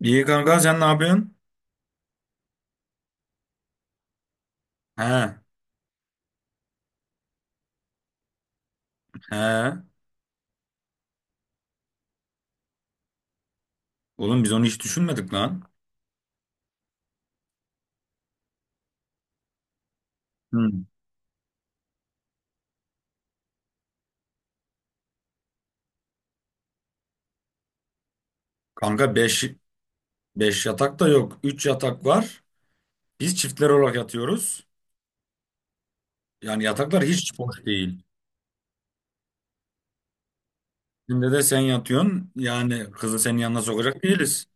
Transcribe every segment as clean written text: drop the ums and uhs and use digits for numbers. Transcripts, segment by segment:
İyi kanka sen ne yapıyorsun? He, he. Oğlum biz onu hiç düşünmedik lan. Hı. Kanka beş yatak da yok. Üç yatak var. Biz çiftler olarak yatıyoruz. Yani yataklar hiç boş değil. Şimdi de sen yatıyorsun. Yani kızı senin yanına sokacak değiliz.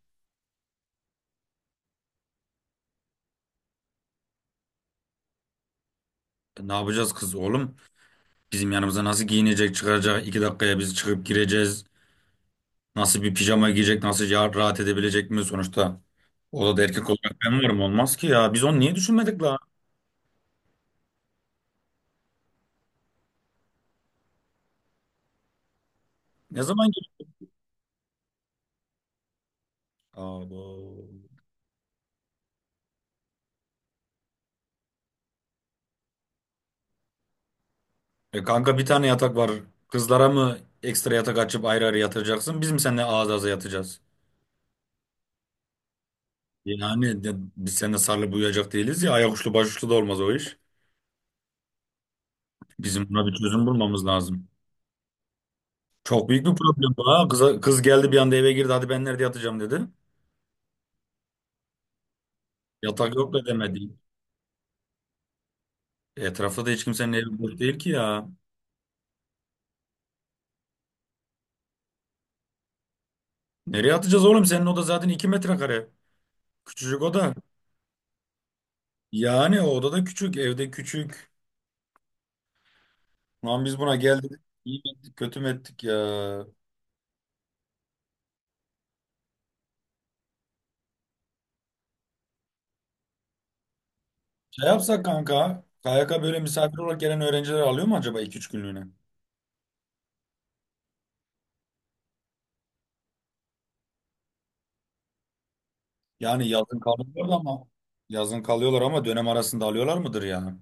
Ne yapacağız kız oğlum? Bizim yanımıza nasıl giyinecek, çıkaracak? 2 dakikaya biz çıkıp gireceğiz. Nasıl bir pijama giyecek? Nasıl rahat edebilecek mi sonuçta? Odada erkek olarak ben varım, olmaz ki ya. Biz onu niye düşünmedik lan? Ne zaman gir? Abo. Kanka bir tane yatak var. Kızlara mı ekstra yatak açıp ayrı ayrı yatıracaksın? Biz mi seninle ağız ağza yatacağız? Yani biz seninle sarılıp uyuyacak değiliz ya. Ayak uçlu baş uçlu da olmaz o iş. Bizim buna bir çözüm bulmamız lazım. Çok büyük bir problem bu ha. Kız, kız geldi bir anda, eve girdi. Hadi ben nerede yatacağım dedi. Yatak yok da demedi. Etrafta da hiç kimsenin evi boş değil ki ya. Nereye atacağız oğlum? Senin oda zaten 2 metrekare. Küçücük oda. Yani o oda da küçük. Evde küçük. Lan biz buna geldik. İyi mi ettik, kötü mü ettik ya? Şey yapsak kanka, KYK böyle misafir olarak gelen öğrenciler alıyor mu acaba 2 üç günlüğüne? Yani yazın kalıyorlar ama yazın kalıyorlar ama dönem arasında alıyorlar mıdır ya?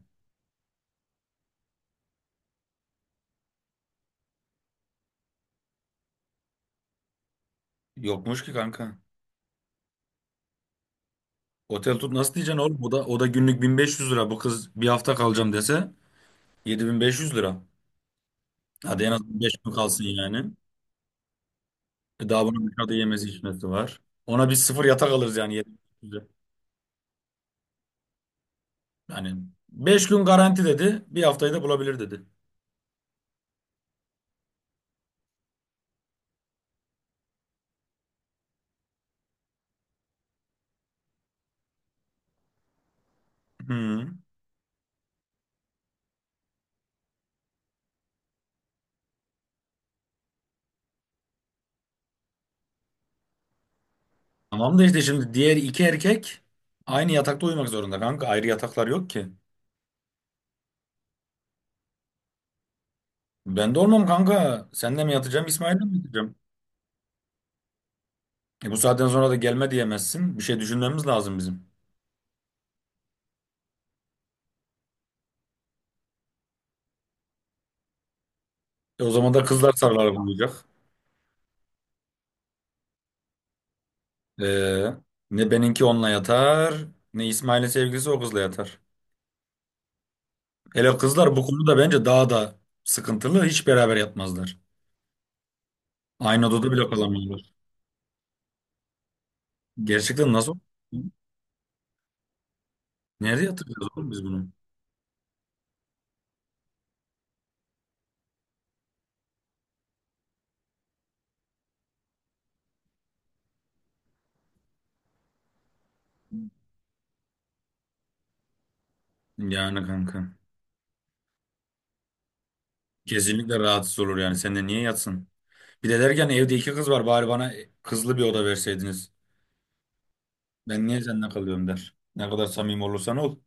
Yokmuş ki kanka. Otel tut nasıl diyeceksin oğlum? O da günlük 1500 lira. Bu kız bir hafta kalacağım dese 7500 lira. Hadi en az 5 gün kalsın yani. E daha bunun dışarıda yemesi içmesi var. Ona biz sıfır yatak alırız yani. 7500 lira. Yani 5 gün garanti dedi. Bir haftayı da bulabilir dedi. Hı. Tamam da işte şimdi diğer iki erkek aynı yatakta uyumak zorunda kanka. Ayrı yataklar yok ki. Ben de olmam kanka. Seninle mi yatacağım, İsmail'le mi yatacağım? E bu saatten sonra da gelme diyemezsin. Bir şey düşünmemiz lazım bizim. E o zaman da kızlar sarılarak uyuyacak. E, Ne benimki onunla yatar, ne İsmail'in sevgilisi o kızla yatar. Hele kızlar bu konuda bence daha da sıkıntılı. Hiç beraber yatmazlar. Aynı odada bile kalamıyorlar. Gerçekten nasıl? Nerede yatıracağız oğlum biz bunu? Yani kanka. Kesinlikle rahatsız olur yani. Sen de niye yatsın? Bir de derken evde iki kız var. Bari bana kızlı bir oda verseydiniz. Ben niye seninle kalıyorum der. Ne kadar samimi olursan ol.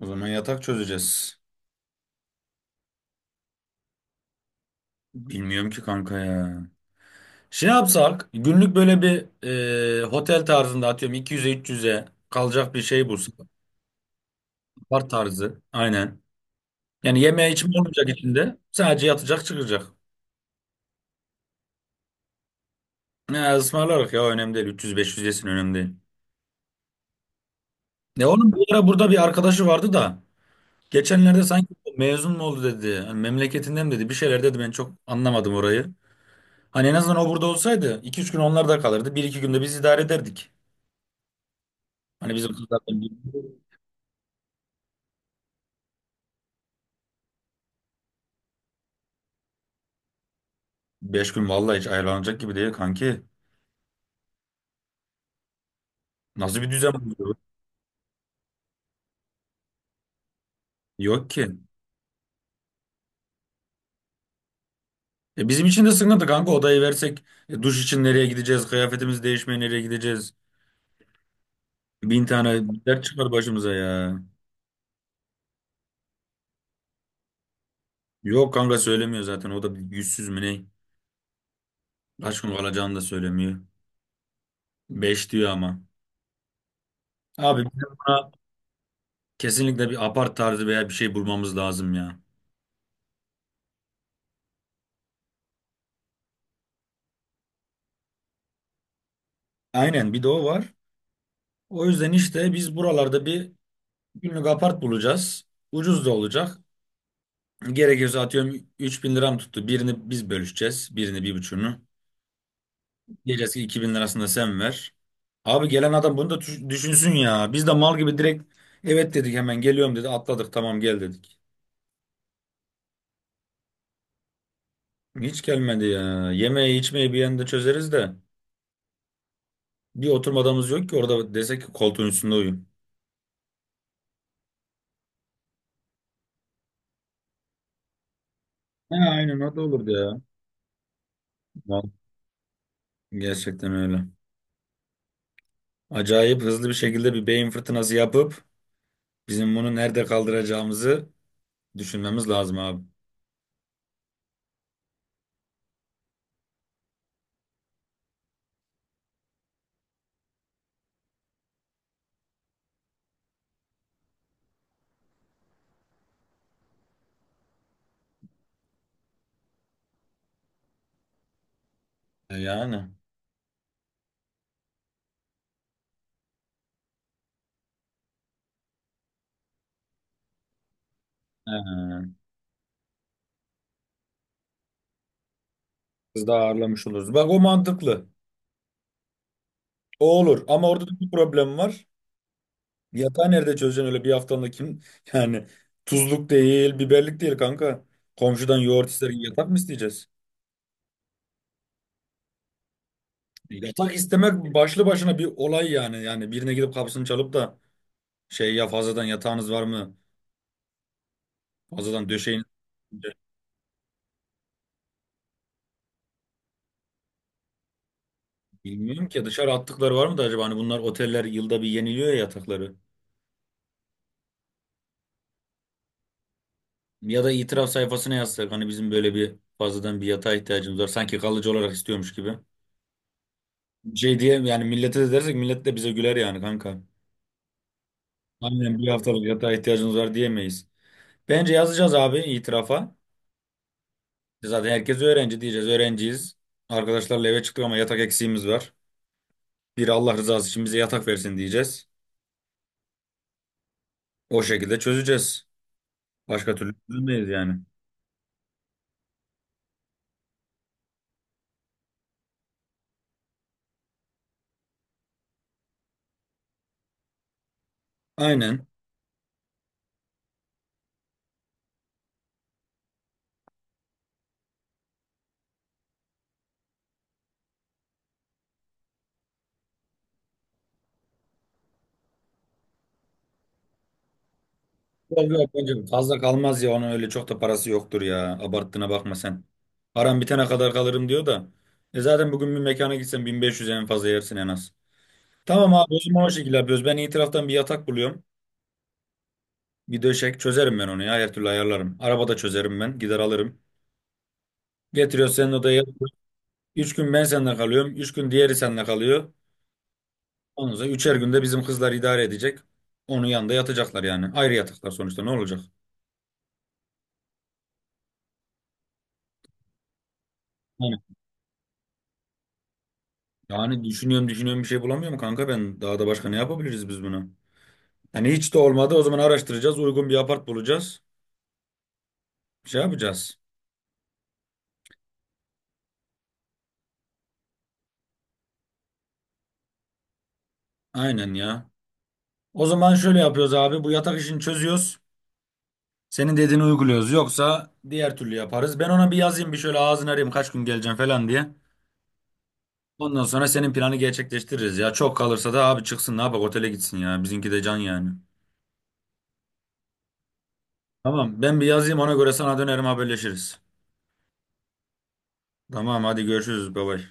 O zaman yatak çözeceğiz. Bilmiyorum ki kanka ya. Şey yapsak günlük böyle bir otel tarzında atıyorum 200'e 300'e kalacak bir şey bulsak. Apart tarzı. Aynen. Yani yeme içme olmayacak içinde. Sadece yatacak, çıkacak. Ne ısmarlarız ya, önemli değil. 300-500 yesin, önemli değil. Ne oğlum, bir ara burada bir arkadaşı vardı da. Geçenlerde sanki mezun mu oldu dedi. Hani memleketinden mi dedi. Bir şeyler dedi, ben çok anlamadım orayı. Hani en azından o burada olsaydı iki üç gün onlar da kalırdı. 1-2 günde biz idare ederdik. Hani bizim kızlar 5 gün vallahi hiç ayarlanacak gibi değil kanki. Nasıl bir düzen bu? Yok ki. Bizim için de sıkıntı kanka, odayı versek duş için nereye gideceğiz? Kıyafetimizi değişmeye nereye gideceğiz? Bin tane dert çıkar başımıza ya. Yok kanka, söylemiyor zaten, o da bir yüzsüz mü ne? Kaç gün kalacağını da söylemiyor. Beş diyor ama. Abi, kesinlikle bir apart tarzı veya bir şey bulmamız lazım ya. Aynen, bir de o var. O yüzden işte biz buralarda bir günlük apart bulacağız. Ucuz da olacak. Gerekirse atıyorum 3000 liram tuttu. Birini biz bölüşeceğiz. Birini, bir buçuğunu. Diyeceğiz ki 2000 lirasını da sen ver. Abi, gelen adam bunu da düşünsün ya. Biz de mal gibi direkt evet dedik, hemen geliyorum dedi. Atladık, tamam gel dedik. Hiç gelmedi ya. Yemeği içmeyi bir yanda çözeriz de. Bir oturma odamız yok ki orada desek ki koltuğun üstünde uyuyun. He, aynen o da olur ya. Val- Gerçekten öyle. Acayip hızlı bir şekilde bir beyin fırtınası yapıp bizim bunu nerede kaldıracağımızı düşünmemiz lazım abi. Yani. He. Biz daha ağırlamış oluruz. Bak, o mantıklı. O olur. Ama orada da bir problem var. Yatağı nerede çözeceksin öyle bir haftanla kim? Yani tuzluk değil, biberlik değil kanka. Komşudan yoğurt ister, yatak mı isteyeceğiz? Yatak istemek başlı başına bir olay yani. Yani birine gidip kapısını çalıp da şey ya, fazladan yatağınız var mı? Fazladan döşeğiniz bilmiyorum ki dışarı attıkları var mı da acaba, hani bunlar oteller yılda bir yeniliyor ya yatakları. Ya da itiraf sayfasına yazsak hani, bizim böyle bir, fazladan bir yatağa ihtiyacımız var. Sanki kalıcı olarak istiyormuş gibi. Şey diye yani millete de dersek, millet de bize güler yani kanka. Aynen, bir haftalık yatağa ihtiyacımız var diyemeyiz. Bence yazacağız abi itirafa. Zaten herkes öğrenci diyeceğiz. Öğrenciyiz. Arkadaşlarla eve çıktık ama yatak eksiğimiz var. Bir Allah rızası için bize yatak versin diyeceğiz. O şekilde çözeceğiz. Başka türlü çözülmeyiz yani. Aynen. Yok yok, bence fazla kalmaz ya, onun öyle çok da parası yoktur ya. Abarttığına bakma sen. Param bitene kadar kalırım diyor da. E zaten bugün bir mekana gitsen 1500 en fazla yersin en az. Tamam abi, o zaman o şekilde yapıyoruz. Ben iyi taraftan bir yatak buluyorum. Bir döşek çözerim ben onu ya, her türlü ayarlarım. Arabada çözerim, ben gider alırım. Getiriyoruz senin odaya. Üç gün ben seninle kalıyorum. Üç gün diğeri seninle kalıyor. Ondan sonra üçer günde bizim kızlar idare edecek. Onun yanında yatacaklar yani. Ayrı yataklar sonuçta, ne olacak? Yani düşünüyorum düşünüyorum, bir şey bulamıyorum kanka ben. Daha da başka ne yapabiliriz biz bunu? Hani hiç de olmadı, o zaman araştıracağız. Uygun bir apart bulacağız. Şey yapacağız. Aynen ya. O zaman şöyle yapıyoruz abi. Bu yatak işini çözüyoruz. Senin dediğini uyguluyoruz. Yoksa diğer türlü yaparız. Ben ona bir yazayım, bir şöyle ağzını arayayım kaç gün geleceğim falan diye. Ondan sonra senin planı gerçekleştiririz ya. Çok kalırsa da abi çıksın, ne yapak, otele gitsin ya. Bizimki de can yani. Tamam, ben bir yazayım, ona göre sana dönerim, haberleşiriz. Tamam hadi görüşürüz, bye bye.